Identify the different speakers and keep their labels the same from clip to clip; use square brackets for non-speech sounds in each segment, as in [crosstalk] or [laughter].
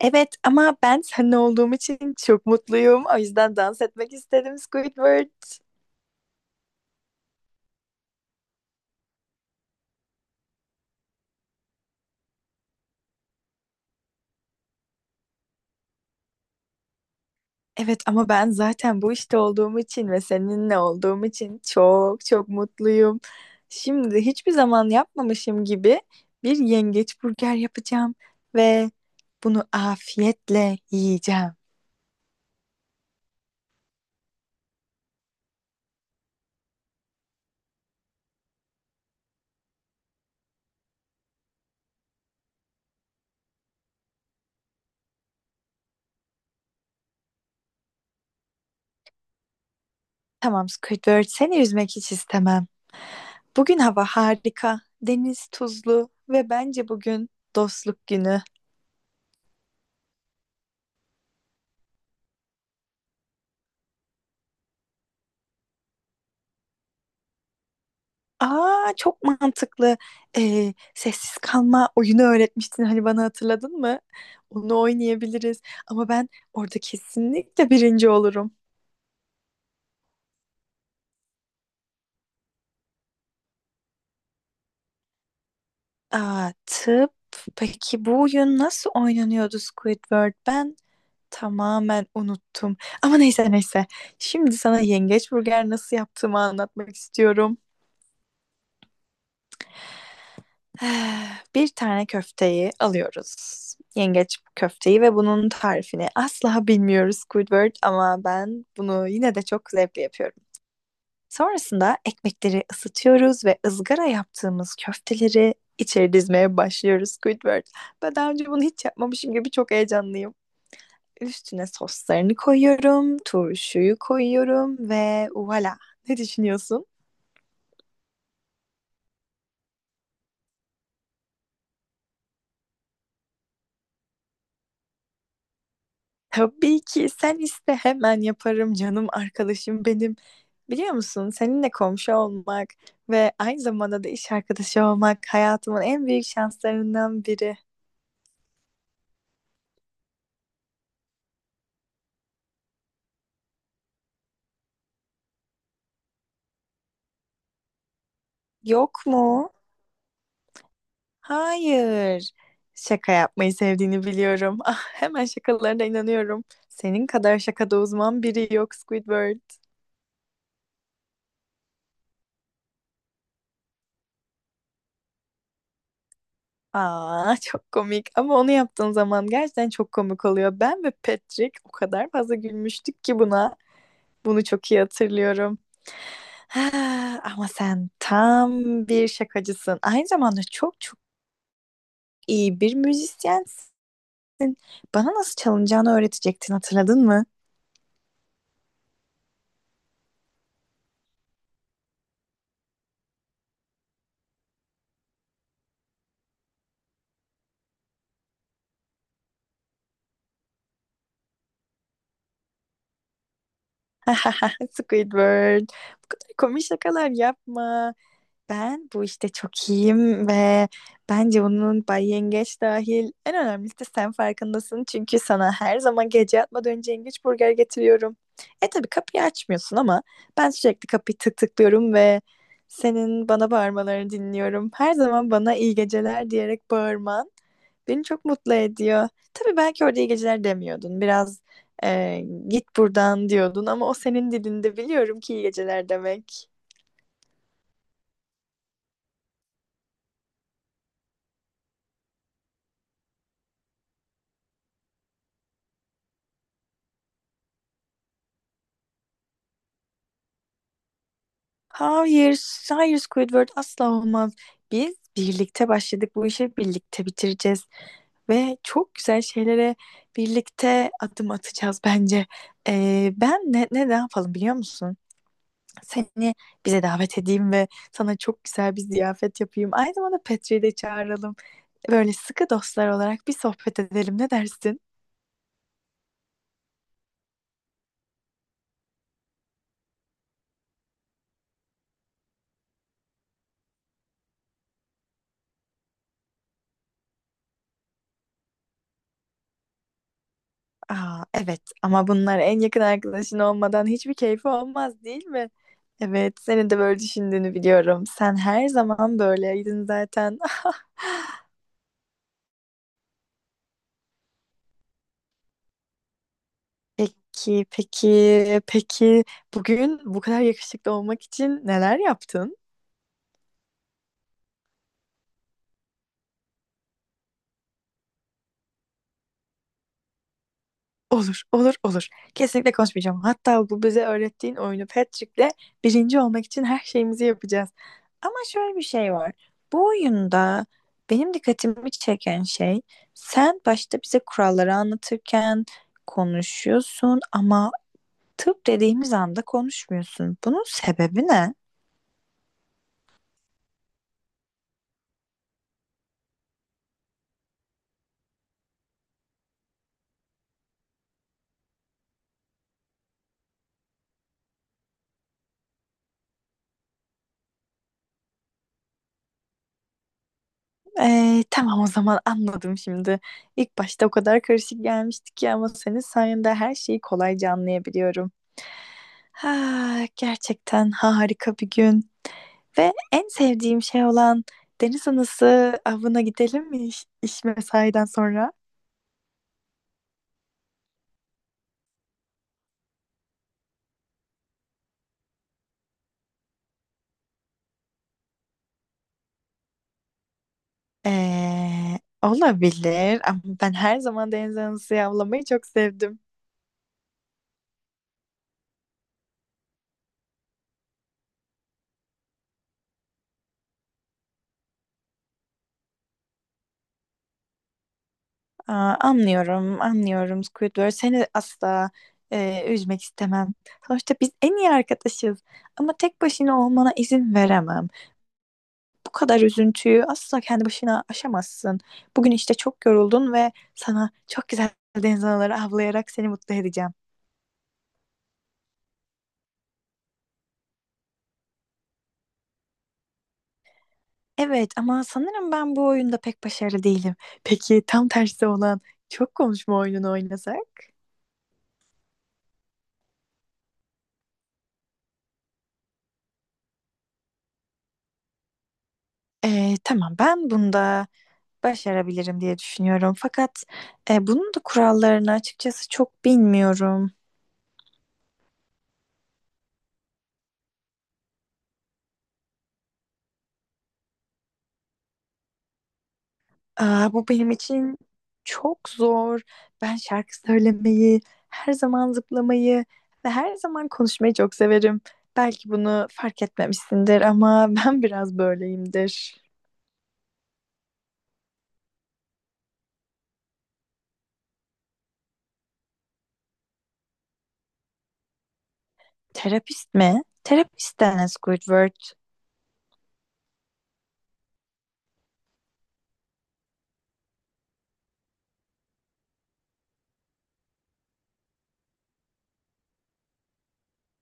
Speaker 1: Evet ama ben seninle olduğum için çok mutluyum. O yüzden dans etmek istedim Squidward. Evet ama ben zaten bu işte olduğum için ve seninle olduğum için çok çok mutluyum. Şimdi hiçbir zaman yapmamışım gibi bir yengeç burger yapacağım ve bunu afiyetle yiyeceğim. Tamam Squidward, seni üzmek hiç istemem. Bugün hava harika, deniz tuzlu ve bence bugün dostluk günü. Aa, çok mantıklı. Sessiz kalma oyunu öğretmiştin hani, bana hatırladın mı? Onu oynayabiliriz. Ama ben orada kesinlikle birinci olurum. Aa, tıp. Peki bu oyun nasıl oynanıyordu Squidward? Ben tamamen unuttum. Ama neyse neyse. Şimdi sana yengeç burger nasıl yaptığımı anlatmak istiyorum. [sighs] Eh, bir tane köfteyi alıyoruz. Yengeç köfteyi ve bunun tarifini asla bilmiyoruz Squidward, ama ben bunu yine de çok zevkle yapıyorum. Sonrasında ekmekleri ısıtıyoruz ve ızgara yaptığımız köfteleri içeri dizmeye başlıyoruz Squidward. Ben daha önce bunu hiç yapmamışım gibi çok heyecanlıyım. Üstüne soslarını koyuyorum, turşuyu koyuyorum ve voilà. Ne düşünüyorsun? Tabii ki, sen iste hemen yaparım canım arkadaşım benim. Biliyor musun, seninle komşu olmak ve aynı zamanda da iş arkadaşı olmak hayatımın en büyük şanslarından biri. Yok mu? Hayır. Şaka yapmayı sevdiğini biliyorum. Ah, hemen şakalarına inanıyorum. Senin kadar şakada uzman biri yok Squidward. Aa, çok komik. Ama onu yaptığın zaman gerçekten çok komik oluyor. Ben ve Patrick o kadar fazla gülmüştük ki buna. Bunu çok iyi hatırlıyorum. Ha, ama sen tam bir şakacısın. Aynı zamanda çok çok iyi bir müzisyensin. Bana nasıl çalınacağını öğretecektin, hatırladın mı? [laughs] Squidward. Bu kadar komik şakalar yapma. Ben bu işte çok iyiyim ve bence bunun, Bay Yengeç dahil, en önemlisi de sen farkındasın. Çünkü sana her zaman gece yatmadan önce yengeç burger getiriyorum. E tabii kapıyı açmıyorsun ama ben sürekli kapıyı tık tıklıyorum ve senin bana bağırmalarını dinliyorum. Her zaman bana iyi geceler diyerek bağırman beni çok mutlu ediyor. Tabii belki orada iyi geceler demiyordun. Biraz e, git buradan diyordun ama o senin dilinde, biliyorum ki, iyi geceler demek. Hayır, hayır Squidward, asla olmaz. Biz birlikte başladık, bu işi birlikte bitireceğiz ve çok güzel şeylere birlikte adım atacağız bence. Ben ne yapalım biliyor musun? Seni bize davet edeyim ve sana çok güzel bir ziyafet yapayım. Aynı zamanda Petri'yi de çağıralım. Böyle sıkı dostlar olarak bir sohbet edelim, ne dersin? Aa, evet ama bunlar en yakın arkadaşın olmadan hiçbir keyfi olmaz, değil mi? Evet, senin de böyle düşündüğünü biliyorum. Sen her zaman böyleydin zaten. [laughs] Peki, peki, peki, bugün bu kadar yakışıklı olmak için neler yaptın? Olur, olur, olur. Kesinlikle konuşmayacağım. Hatta bu bize öğrettiğin oyunu Patrick'le birinci olmak için her şeyimizi yapacağız. Ama şöyle bir şey var. Bu oyunda benim dikkatimi çeken şey, sen başta bize kuralları anlatırken konuşuyorsun ama tıp dediğimiz anda konuşmuyorsun. Bunun sebebi ne? Tamam, o zaman anladım şimdi. İlk başta o kadar karışık gelmişti ki, ama senin sayende her şeyi kolayca anlayabiliyorum. Ha, gerçekten harika bir gün. Ve en sevdiğim şey olan deniz anası avına gidelim mi iş mesaiden sonra? Olabilir ama ben her zaman deniz anası avlamayı çok sevdim. Aa, anlıyorum, anlıyorum Squidward. Seni asla üzmek istemem. Sonuçta biz en iyi arkadaşız. Ama tek başına olmana izin veremem. Bu kadar üzüntüyü asla kendi başına aşamazsın. Bugün işte çok yoruldun ve sana çok güzel [laughs] deniz anaları avlayarak seni mutlu edeceğim. Evet ama sanırım ben bu oyunda pek başarılı değilim. Peki tam tersi olan çok konuşma oyununu oynasak? Tamam, ben bunda başarabilirim diye düşünüyorum. Fakat bunun da kurallarını açıkçası çok bilmiyorum. Aa, bu benim için çok zor. Ben şarkı söylemeyi, her zaman zıplamayı ve her zaman konuşmayı çok severim. Belki bunu fark etmemişsindir ama [laughs] ben biraz böyleyimdir. Terapist mi? Terapist denen Squidward.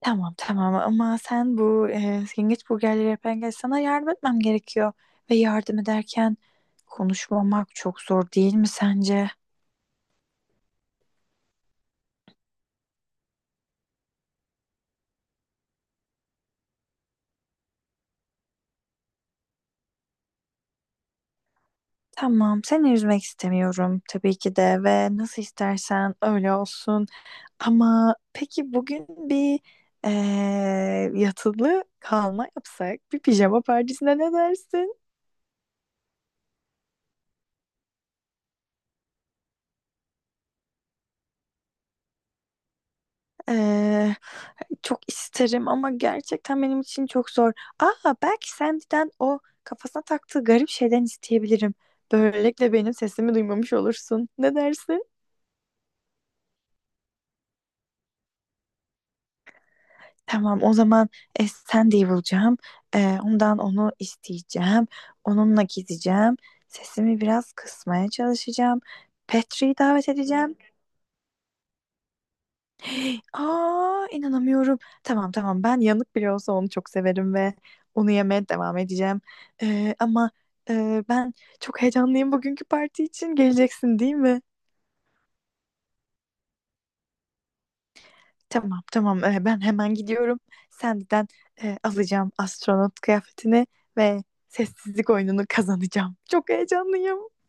Speaker 1: Tamam, tamam ama sen bu yengeç burgerleri yapan gel, sana yardım etmem gerekiyor. Ve yardım ederken konuşmamak çok zor değil mi sence? Tamam, seni üzmek istemiyorum tabii ki de, ve nasıl istersen öyle olsun. Ama peki bugün bir e, yatılı kalma yapsak, bir pijama partisine ne dersin? Ee, Çok isterim ama gerçekten benim için çok zor. Aa, belki Sandy'den o kafasına taktığı garip şeyden isteyebilirim. Böylelikle benim sesimi duymamış olursun. Ne dersin? Tamam, o zaman Sandy'yi bulacağım. Ondan onu isteyeceğim. Onunla gideceğim. Sesimi biraz kısmaya çalışacağım. Petri'yi davet edeceğim. Aa, inanamıyorum. Tamam, tamam, ben yanık bile olsa onu çok severim ve onu yemeye devam edeceğim. Ee, ama ben çok heyecanlıyım bugünkü parti için. Geleceksin değil mi? Tamam, tamam. Ben hemen gidiyorum. Senden alacağım astronot kıyafetini ve sessizlik oyununu kazanacağım. Çok heyecanlıyım.